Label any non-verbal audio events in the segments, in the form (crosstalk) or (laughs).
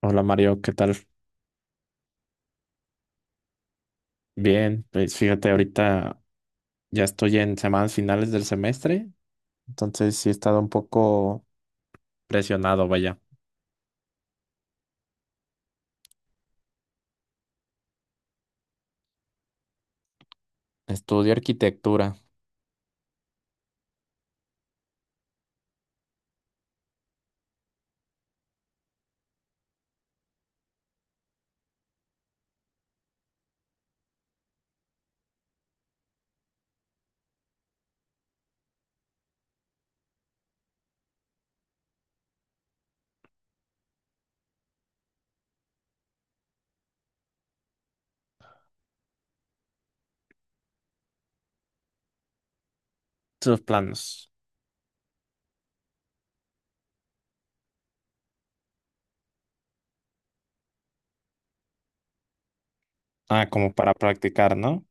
Hola Mario, ¿qué tal? Bien, pues fíjate, ahorita ya estoy en semanas finales del semestre, entonces sí he estado un poco presionado, vaya. Estudio arquitectura. Sus planos. Ah, como para practicar, ¿no?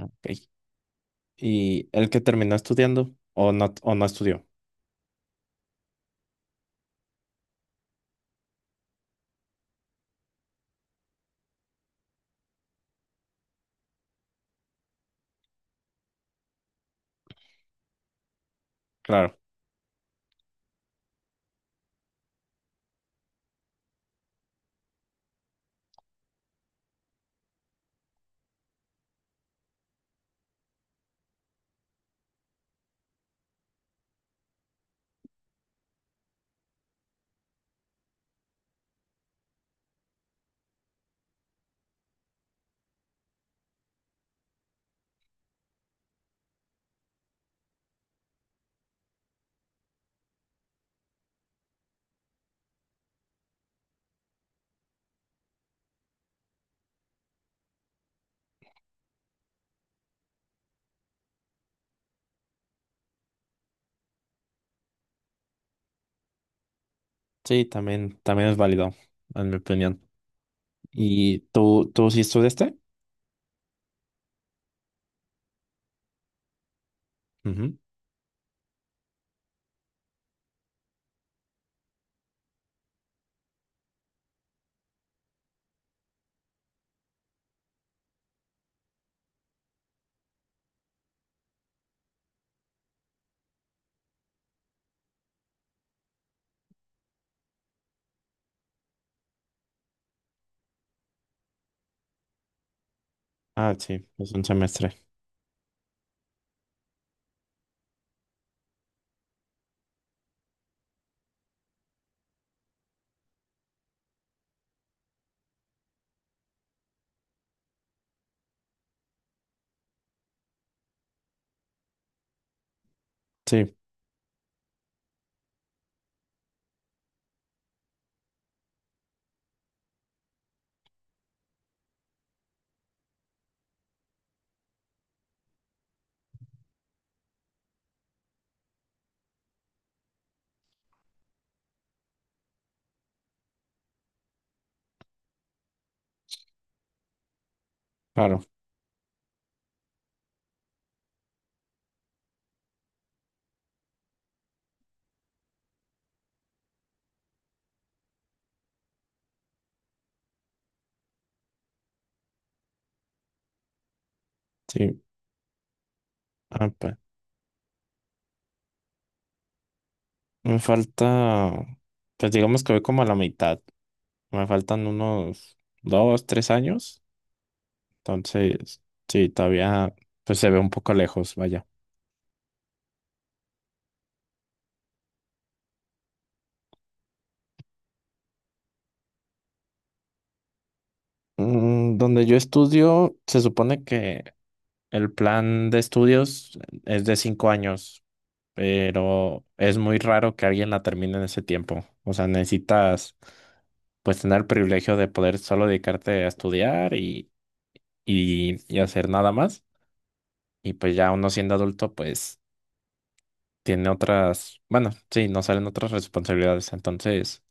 Ok. ¿Y el que terminó estudiando o no estudió? Claro. Sí, también es válido, en mi opinión. ¿Y tú sí estudiaste? Ujú. Ah, sí, es un semestre. Sí, claro. Sí. Ah, pues. Me falta, pues digamos que voy como a la mitad. Me faltan unos 2, 3 años. Entonces, sí, todavía pues se ve un poco lejos, vaya. Donde yo estudio, se supone que el plan de estudios es de 5 años, pero es muy raro que alguien la termine en ese tiempo. O sea, necesitas pues tener el privilegio de poder solo dedicarte a estudiar y hacer nada más. Y pues ya uno siendo adulto, pues tiene otras, bueno, sí, no salen otras responsabilidades, entonces,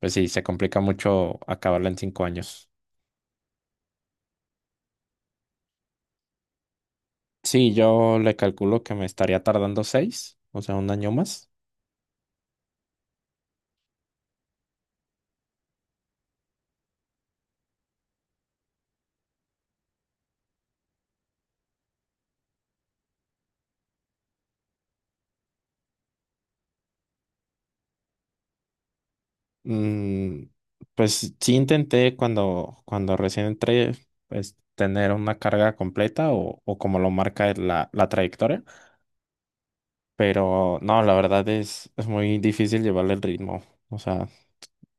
pues sí, se complica mucho acabarla en 5 años. Sí, yo le calculo que me estaría tardando 6, o sea, un año más. Mm, pues sí intenté cuando recién entré, pues tener una carga completa o como lo marca la trayectoria, pero no, la verdad es muy difícil llevarle el ritmo. O sea,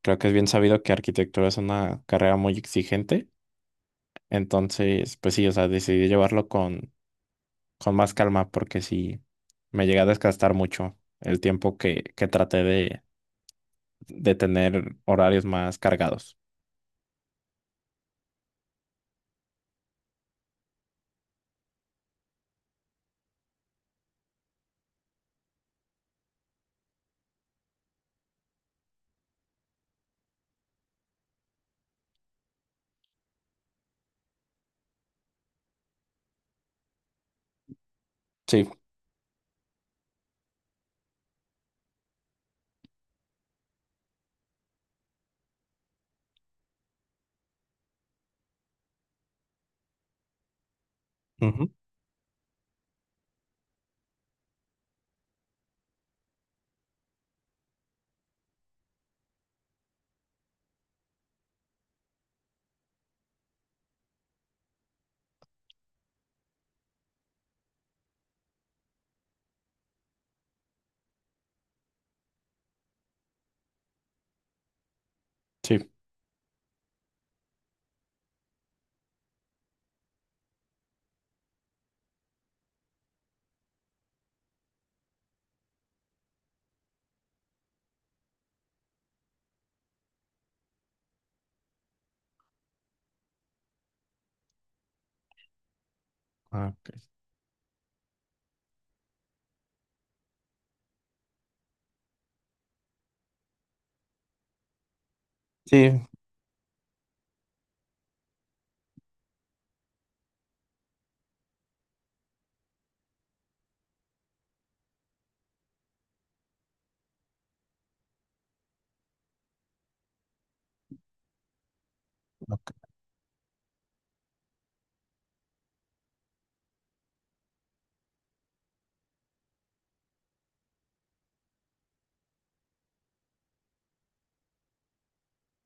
creo que es bien sabido que arquitectura es una carrera muy exigente. Entonces, pues sí, o sea, decidí llevarlo con más calma porque sí me llegué a desgastar mucho el tiempo que traté de tener horarios más cargados. Sí. Ujú. Sí. Ah, ok. Sí, ok,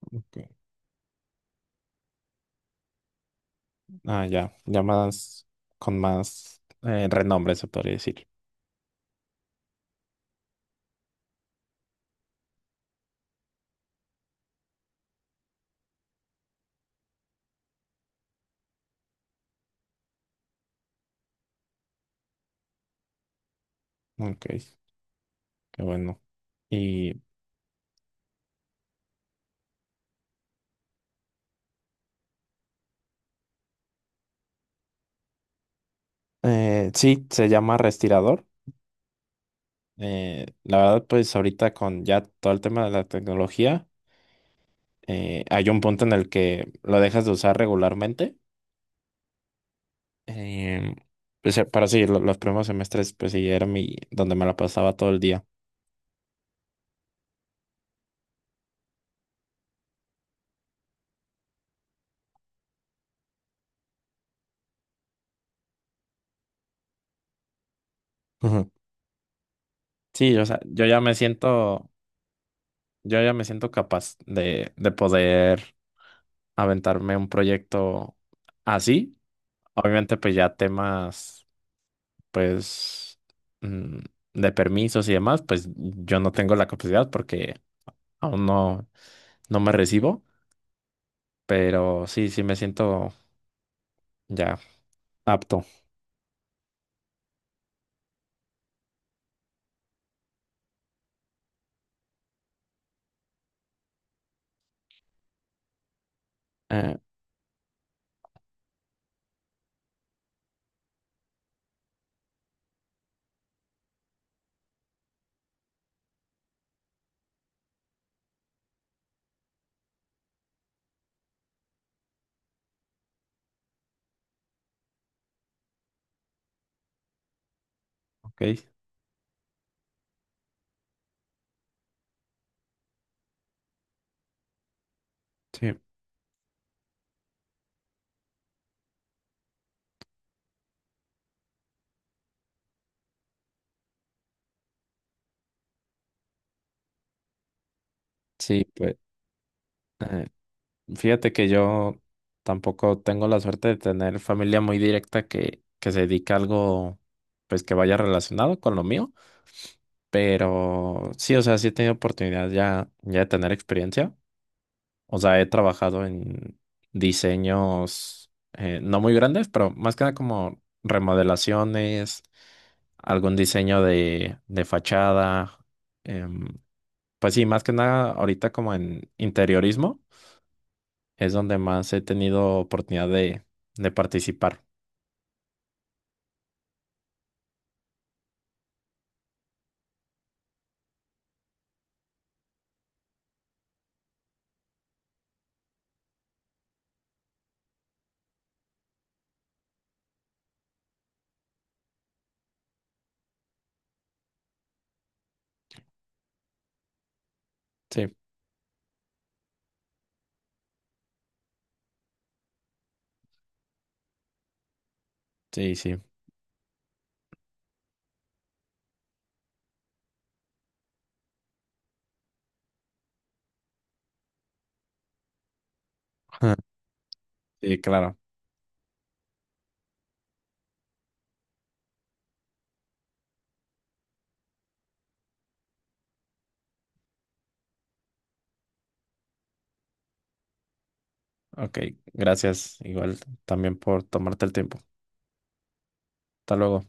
ok. Ah, ya, ya más con más renombre se podría decir. Ok, qué bueno. Y sí, se llama Restirador. La verdad, pues ahorita con ya todo el tema de la tecnología. Hay un punto en el que lo dejas de usar regularmente. Eh, pues, pero sí, los primeros semestres, pues sí, era mi, donde me la pasaba todo el día. Ujú. Sí, o sea, yo ya me siento capaz de poder aventarme un proyecto así. Obviamente, pues ya temas, pues, mm, de permisos y demás, pues yo no tengo la capacidad porque aún no, no me recibo, pero sí, sí me siento ya apto. Eh, ok, sí, sí, pues, eh, fíjate que yo tampoco tengo la suerte de tener familia muy directa que se dedica a algo, pues, que vaya relacionado con lo mío, pero sí, o sea, sí he tenido oportunidad ya de tener experiencia. O sea, he trabajado en diseños no muy grandes, pero más que nada como remodelaciones, algún diseño de fachada. em, pues sí, más que nada ahorita como en interiorismo es donde más he tenido oportunidad de participar. Sí, sí, sí. (laughs) Sí, claro. Ok, gracias igual también por tomarte el tiempo. Hasta luego.